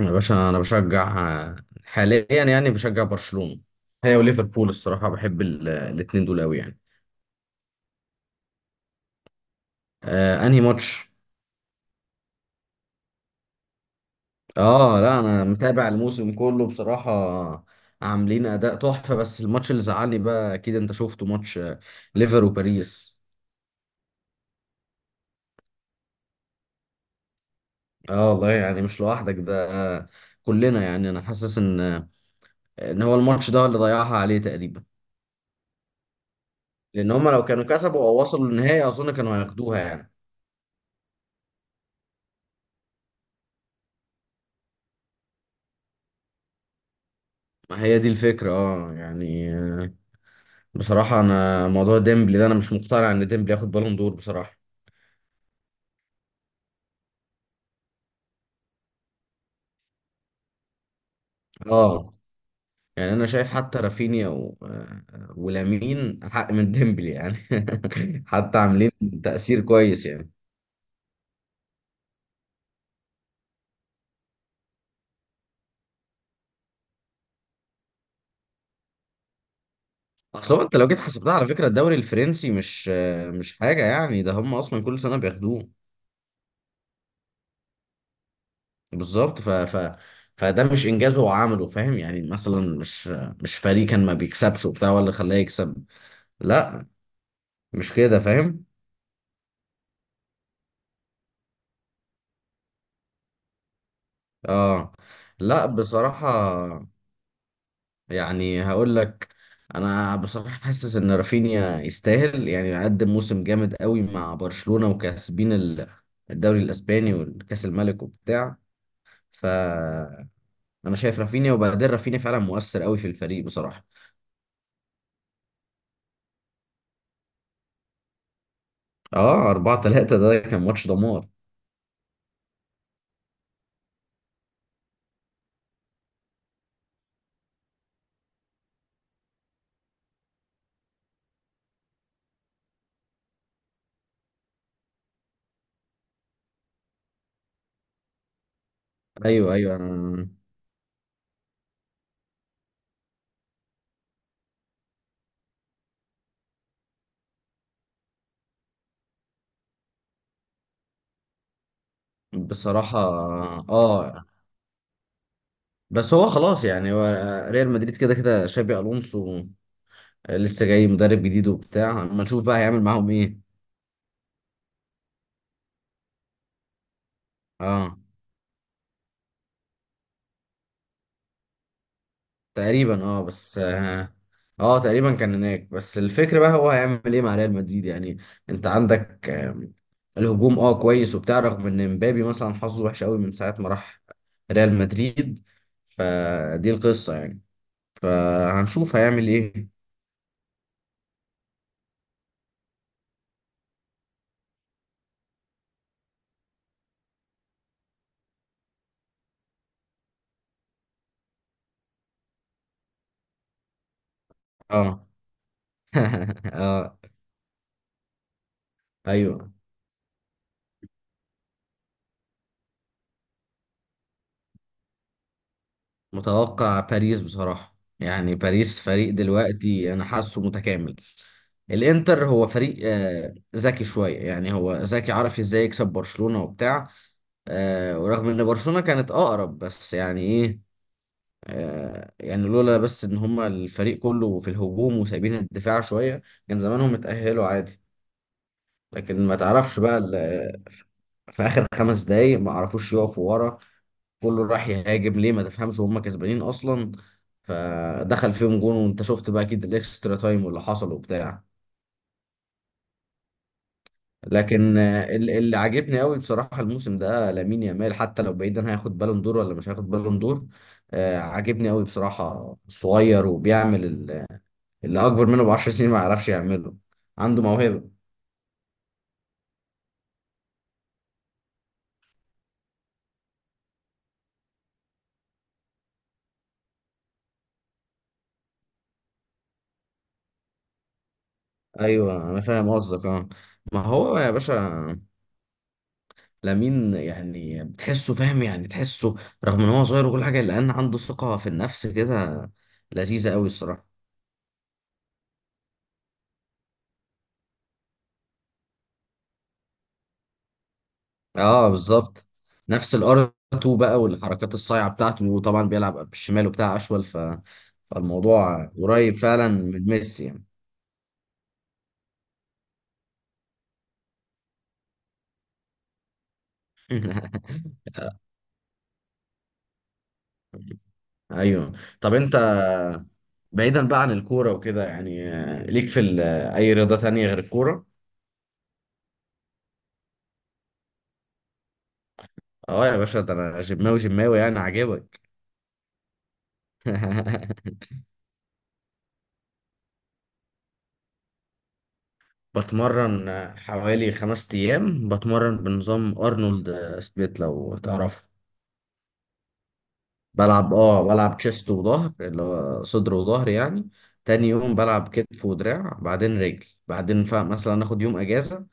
يا باشا، انا بشجع حاليا يعني، بشجع برشلونة هي وليفربول الصراحة. بحب الاتنين دول قوي يعني. آه، انهي ماتش؟ اه، لا، انا متابع الموسم كله بصراحة. عاملين اداء تحفة. بس الماتش اللي زعلني بقى، اكيد انت شفته ماتش، ليفر وباريس. اه والله، يعني مش لوحدك ده. آه، كلنا يعني. انا حاسس ان ان هو الماتش ده اللي ضيعها عليه تقريبا. لان هم لو كانوا كسبوا او وصلوا للنهاية اظن كانوا هياخدوها يعني. ما هي دي الفكرة، اه يعني. بصراحة أنا موضوع ديمبلي ده، أنا مش مقتنع إن ديمبلي ياخد بالون دور بصراحة. آه يعني، أنا شايف حتى رافينيا و... آه، ولامين أحق من ديمبلي يعني حتى عاملين تأثير كويس يعني. أصل هو، أنت لو جيت حسبتها على فكرة، الدوري الفرنسي مش مش حاجة يعني. ده هم أصلا كل سنة بياخدوه. بالظبط. فده مش إنجاز هو عمله، فاهم يعني؟ مثلا مش فريق كان ما بيكسبش وبتاع ولا خلاه يكسب. لا، مش كده فاهم. آه لا بصراحة. يعني هقول لك، انا بصراحه حاسس ان رافينيا يستاهل. يعني قدم موسم جامد قوي مع برشلونه وكاسبين الدوري الاسباني والكاس الملك وبتاع. فانا شايف رافينيا، وبعدين رافينيا فعلا مؤثر قوي في الفريق بصراحه. اه 4-3 ده كان ماتش دمار. ايوه، ايوه، انا بصراحه. اه بس هو خلاص يعني، هو ريال مدريد كده كده. شابي الونسو لسه جاي مدرب جديد وبتاع، اما نشوف بقى هيعمل معاهم ايه. اه، تقريبا. اه بس تقريبا كان هناك. بس الفكرة بقى، هو هيعمل ايه مع ريال مدريد يعني؟ انت عندك الهجوم كويس وبتاع، رغم ان مبابي مثلا حظه وحش قوي من ساعة ما راح ريال مدريد. فدي القصة يعني. فهنشوف هيعمل ايه. اه اه ايوه. متوقع باريس بصراحة. يعني باريس فريق دلوقتي انا حاسه متكامل. الانتر هو فريق ذكي شوية، يعني هو ذكي عارف ازاي يكسب برشلونة وبتاع. ورغم ان برشلونة كانت اقرب، بس يعني ايه. يعني لولا بس ان هما الفريق كله في الهجوم وسايبين الدفاع شوية، كان زمانهم اتأهلوا عادي. لكن ما تعرفش بقى في اخر 5 دقايق ما عرفوش يقفوا ورا. كله راح يهاجم ليه؟ ما تفهمش، وهم كسبانين اصلا. فدخل فيهم جون، وانت شفت بقى اكيد الاكسترا تايم واللي حصل وبتاع. لكن اللي عاجبني قوي بصراحه الموسم ده لامين يامال. حتى لو بعيدا هياخد بالون دور ولا مش هياخد بالون دور، عاجبني قوي بصراحه. صغير وبيعمل اللي اكبر منه ب 10 سنين ما يعرفش يعمله. عنده موهبه. ايوه انا فاهم قصدك، ما هو يا باشا، لامين يعني بتحسه فاهم، يعني تحسه رغم ان هو صغير وكل حاجه الا ان عنده ثقه في النفس كده لذيذه قوي الصراحه. اه بالظبط، نفس الار 2 بقى، والحركات الصايعه بتاعته، وطبعا بيلعب بالشمال وبتاع اشول. فالموضوع قريب فعلا من ميسي يعني. ايوه. طب انت، بعيدا بقى عن الكوره وكده، يعني ليك في اي رياضه تانية غير الكوره؟ اه يا باشا، ده انا جماوي جماوي يعني عاجبك؟ بتمرن حوالي 5 ايام، بتمرن بنظام ارنولد سبليت لو تعرفه. بلعب تشيست وظهر، اللي هو صدر وظهر يعني. تاني يوم بلعب كتف ودراع، بعدين رجل. بعدين مثلا اخد يوم اجازة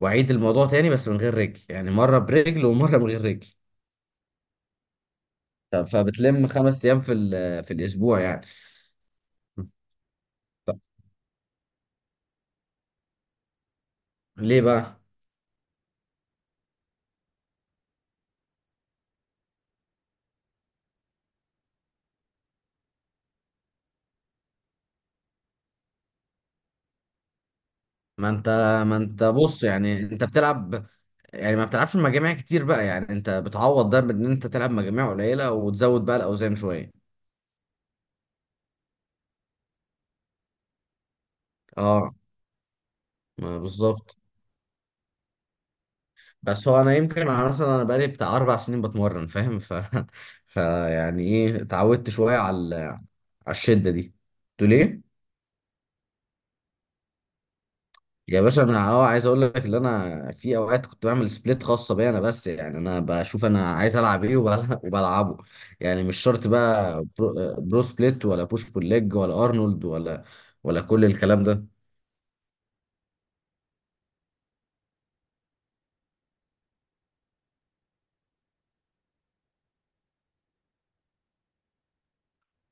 واعيد الموضوع تاني بس من غير رجل، يعني مرة برجل ومرة من غير رجل. فبتلم 5 ايام في في الاسبوع يعني. طب ليه بقى؟ ما انت ما انت بص، يعني انت بتلعب، يعني ما بتلعبش مجاميع كتير بقى. يعني انت بتعوض ده بان انت تلعب مجاميع قليلة وتزود بقى الاوزان شوية. اه ما بالظبط. بس هو انا يمكن، انا مثلا انا بقالي بتاع 4 سنين بتمرن فاهم. فيعني ايه، اتعودت شويه على على الشده دي. قلت ليه؟ يا باشا، انا عايز اقول لك ان انا في اوقات كنت بعمل سبليت خاصه بيا انا بس. يعني انا بشوف انا عايز العب ايه وبلعبه. يعني مش شرط بقى برو سبليت ولا بوش بول ليج ولا ارنولد ولا ولا كل الكلام ده.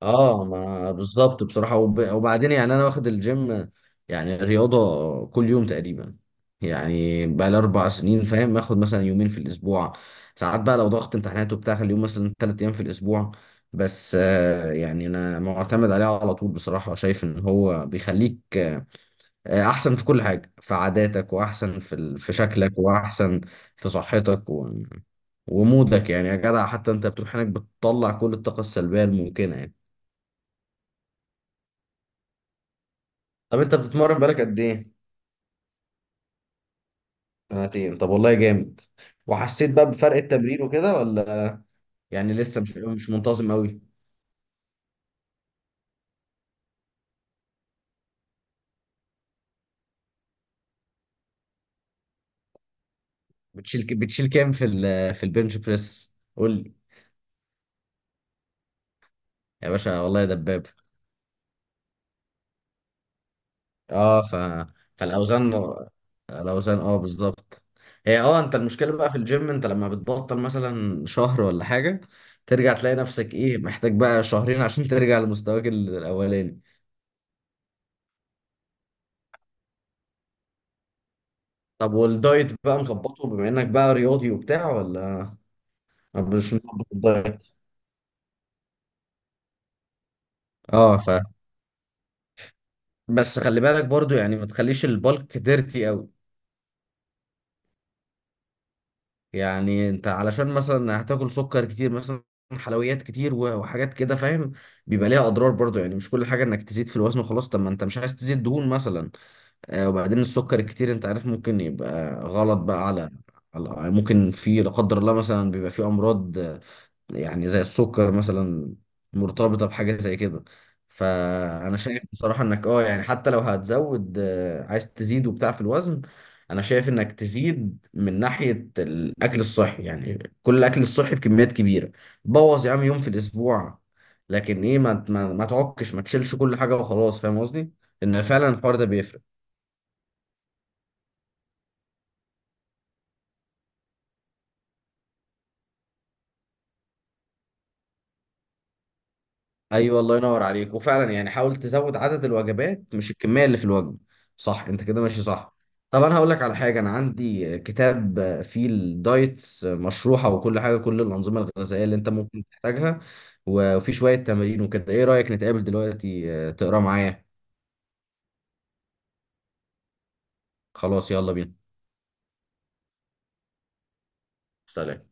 اه ما بالظبط بصراحة. وبعدين يعني انا واخد الجيم، يعني رياضة كل يوم تقريبا. يعني بقى لي 4 سنين فاهم. اخد مثلا يومين في الاسبوع، ساعات بقى لو ضغط امتحانات وبتاع، خلي يوم مثلا 3 ايام في الاسبوع. بس يعني انا معتمد عليه على طول بصراحة. شايف ان هو بيخليك احسن في كل حاجة، في عاداتك، واحسن في في شكلك، واحسن في صحتك ومودك يعني يا جدع. حتى انت بتروح هناك بتطلع كل الطاقة السلبية الممكنة يعني. طب انت بتتمرن بقالك قد ايه؟ سنتين، طب والله جامد. وحسيت بقى بفرق التمرين وكده ولا يعني لسه مش منتظم قوي؟ بتشيل كام في في البنش بريس قول لي؟ يا باشا والله يا دباب. اه فالاوزان اه بالظبط. هي، انت المشكله بقى في الجيم، انت لما بتبطل مثلا شهر ولا حاجه، ترجع تلاقي نفسك ايه؟ محتاج بقى شهرين عشان ترجع لمستواك الاولاني. طب والدايت بقى مظبطه، بما انك بقى رياضي وبتاع، ولا مش مظبط الدايت؟ اه بس خلي بالك برضو يعني، ما تخليش البلك ديرتي قوي. يعني انت علشان مثلا هتاكل سكر كتير مثلا، حلويات كتير و- وحاجات كده فاهم. بيبقى ليها اضرار برضو، يعني مش كل حاجه انك تزيد في الوزن وخلاص. طب ما انت مش عايز تزيد دهون مثلا. وبعدين السكر الكتير انت عارف ممكن يبقى غلط بقى ممكن في لا قدر الله مثلا بيبقى في امراض، يعني زي السكر مثلا مرتبطة بحاجة زي كده. فأنا شايف بصراحة إنك يعني حتى لو هتزود، عايز تزيد وبتاع في الوزن، أنا شايف إنك تزيد من ناحية الأكل الصحي، يعني كل الأكل الصحي بكميات كبيرة. بوظ يا عم يوم في الأسبوع، لكن إيه، ما تعكش. ما تشيلش كل حاجة وخلاص، فاهم قصدي؟ إن فعلا الحوار ده بيفرق. ايوه، الله ينور عليك. وفعلا يعني حاول تزود عدد الوجبات مش الكميه اللي في الوجبه. صح، انت كده ماشي صح. طب انا هقول لك على حاجه، انا عندي كتاب فيه الدايتس مشروحه وكل حاجه، كل الانظمه الغذائيه اللي انت ممكن تحتاجها، وفي شويه تمارين وكده. ايه رايك نتقابل دلوقتي تقرا معايا؟ خلاص يلا بينا. سلام.